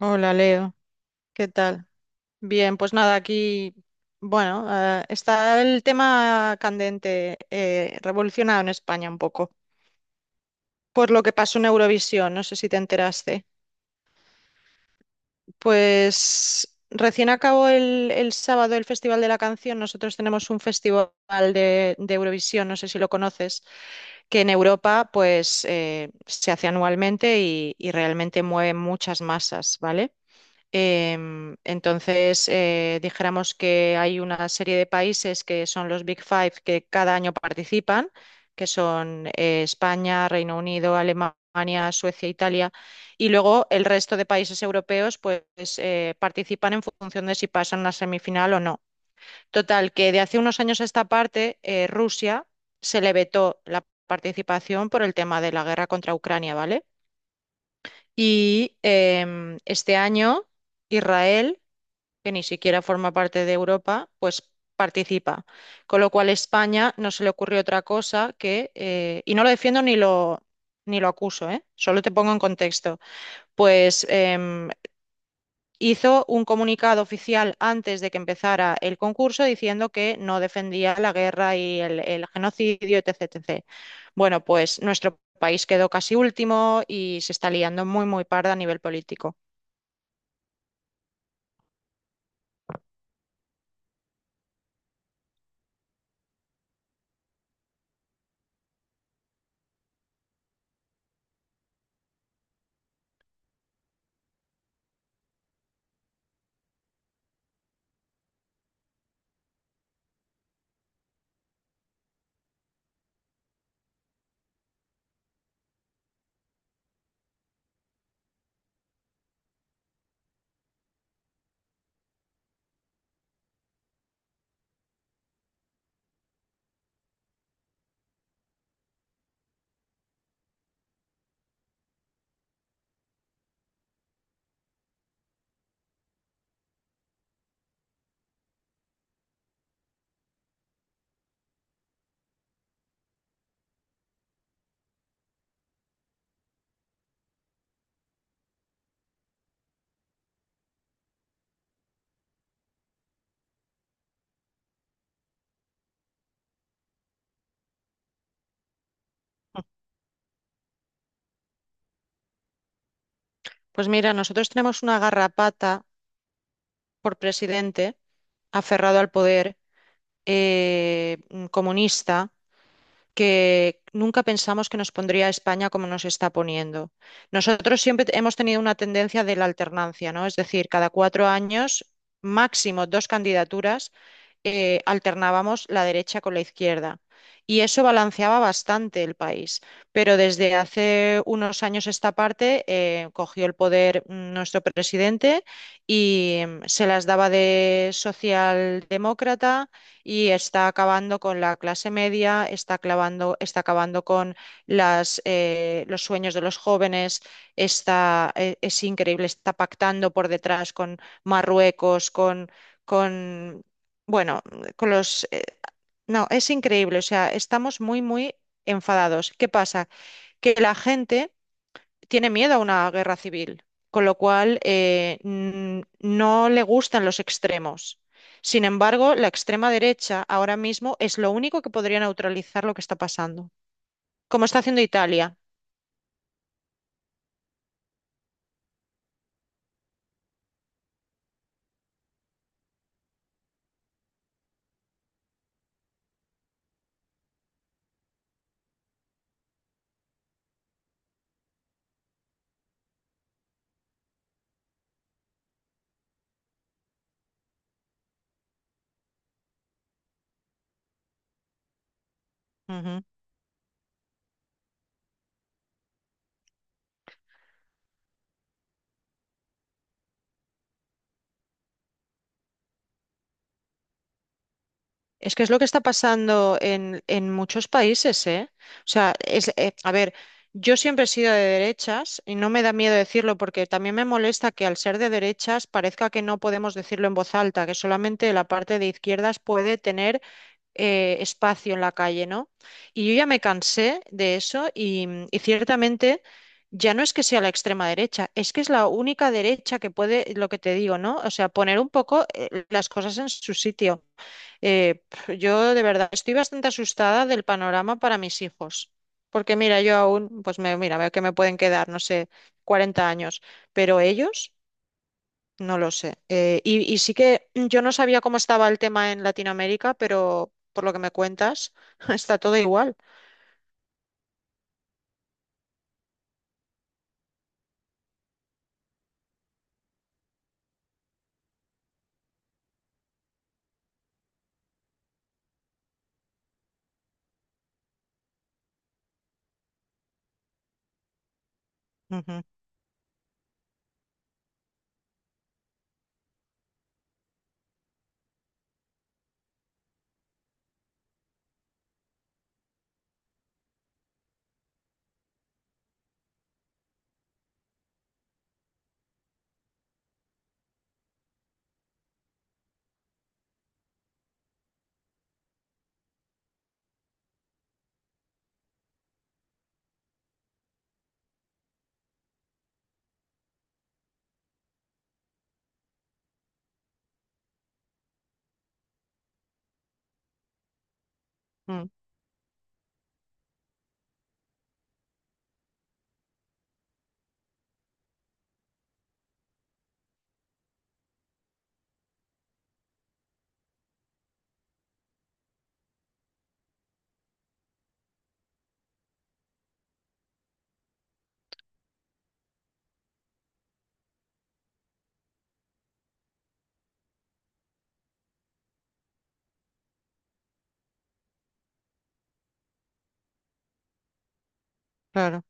Hola Leo, ¿qué tal? Bien, pues nada, aquí, bueno, está el tema candente, revolucionado en España un poco, por lo que pasó en Eurovisión, no sé si te enteraste. Pues recién acabó el sábado el Festival de la Canción, nosotros tenemos un festival de Eurovisión, no sé si lo conoces, que en Europa pues se hace anualmente y realmente mueve muchas masas, ¿vale? Entonces, dijéramos que hay una serie de países que son los Big Five que cada año participan, que son España, Reino Unido, Alemania, Suecia, Italia, y luego el resto de países europeos pues participan en función de si pasan a semifinal o no. Total, que de hace unos años a esta parte, Rusia se le vetó la participación por el tema de la guerra contra Ucrania, ¿vale? Y este año, Israel, que ni siquiera forma parte de Europa, pues participa. Con lo cual España no se le ocurrió otra cosa que, y no lo defiendo ni lo acuso, ¿eh? Solo te pongo en contexto, pues hizo un comunicado oficial antes de que empezara el concurso diciendo que no defendía la guerra y el genocidio, etcétera. Etc. Bueno, pues nuestro país quedó casi último y se está liando muy, muy parda a nivel político. Pues mira, nosotros tenemos una garrapata por presidente aferrado al poder, comunista, que nunca pensamos que nos pondría a España como nos está poniendo. Nosotros siempre hemos tenido una tendencia de la alternancia, ¿no? Es decir, cada cuatro años, máximo dos candidaturas, alternábamos la derecha con la izquierda. Y eso balanceaba bastante el país. Pero desde hace unos años esta parte cogió el poder, nuestro presidente, y mm, se las daba de socialdemócrata y está acabando con la clase media, está acabando con los sueños de los jóvenes, es increíble, está pactando por detrás con Marruecos, con bueno, con los... no, es increíble, o sea, estamos muy, muy enfadados. ¿Qué pasa? Que la gente tiene miedo a una guerra civil, con lo cual no le gustan los extremos. Sin embargo, la extrema derecha ahora mismo es lo único que podría neutralizar lo que está pasando, como está haciendo Italia. Es que es lo que está pasando en muchos países, ¿eh? O sea, es, a ver, yo siempre he sido de derechas y no me da miedo decirlo porque también me molesta que al ser de derechas parezca que no podemos decirlo en voz alta, que solamente la parte de izquierdas puede tener espacio en la calle, ¿no? Y yo ya me cansé de eso y ciertamente ya no es que sea la extrema derecha, es que es la única derecha que puede, lo que te digo, ¿no? O sea, poner un poco, las cosas en su sitio. Yo de verdad estoy bastante asustada del panorama para mis hijos, porque mira, yo aún, pues me, mira, veo que me pueden quedar, no sé, 40 años, pero ellos, no lo sé. Y sí que yo no sabía cómo estaba el tema en Latinoamérica, pero por lo que me cuentas, está todo igual. Ujú, mm, claro.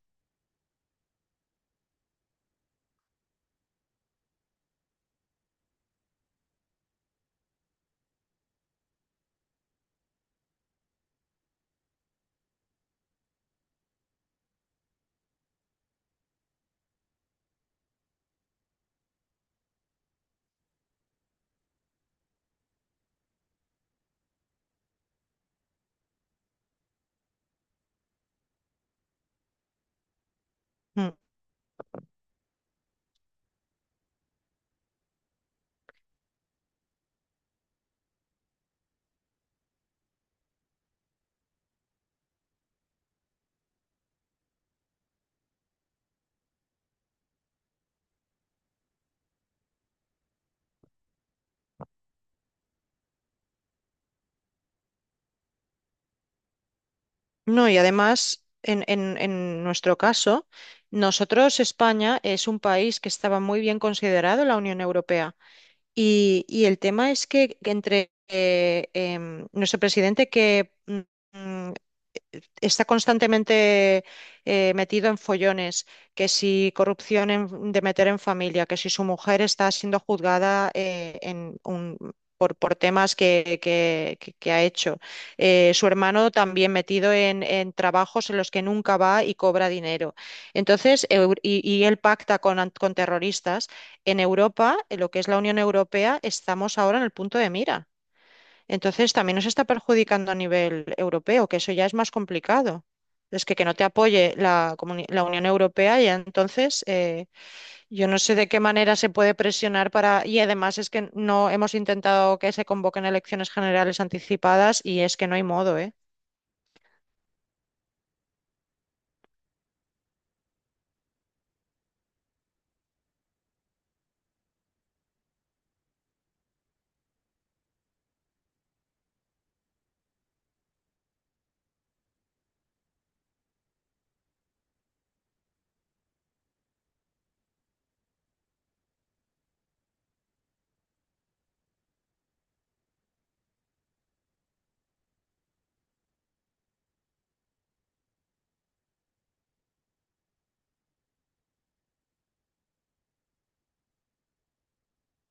Mm. No, y además, en nuestro caso, nosotros, España, es un país que estaba muy bien considerado en la Unión Europea. Y el tema es que entre nuestro presidente que está constantemente metido en follones, que si corrupción de meter en familia, que si su mujer está siendo juzgada, por temas que ha hecho. Su hermano también metido en trabajos en los que nunca va y cobra dinero. Entonces, y él pacta con terroristas. En Europa, en lo que es la Unión Europea, estamos ahora en el punto de mira. Entonces también nos está perjudicando a nivel europeo, que eso ya es más complicado. Es que no te apoye la, la Unión Europea y entonces, yo no sé de qué manera se puede presionar para... Y además es que no hemos intentado que se convoquen elecciones generales anticipadas y es que no hay modo, ¿eh?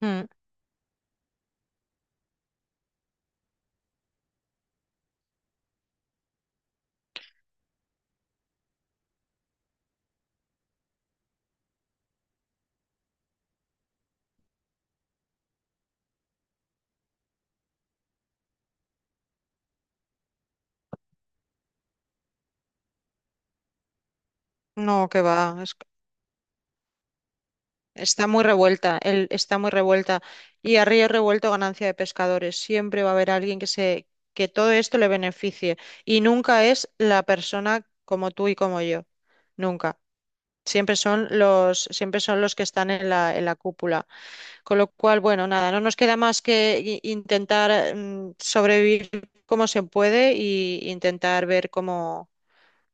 Mm. No, que va. Está muy revuelta, el está muy revuelta. Y a río revuelto, ganancia de pescadores. Siempre va a haber alguien que se, que todo esto le beneficie. Y nunca es la persona como tú y como yo. Nunca. Siempre son los que están en la cúpula. Con lo cual, bueno, nada, no nos queda más que intentar sobrevivir como se puede y intentar ver cómo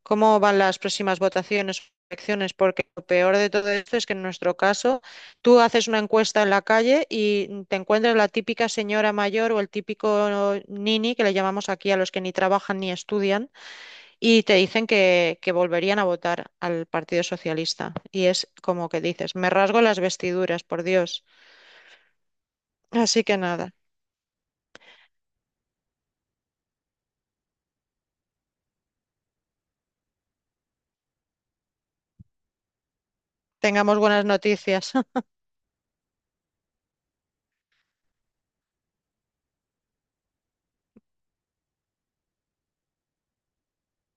van las próximas votaciones o elecciones, porque lo peor de todo esto es que en nuestro caso tú haces una encuesta en la calle y te encuentras la típica señora mayor o el típico nini, que le llamamos aquí a los que ni trabajan ni estudian, y te dicen que volverían a votar al Partido Socialista. Y es como que dices, me rasgo las vestiduras, por Dios. Así que nada, tengamos buenas noticias.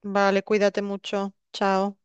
Vale, cuídate mucho. Chao.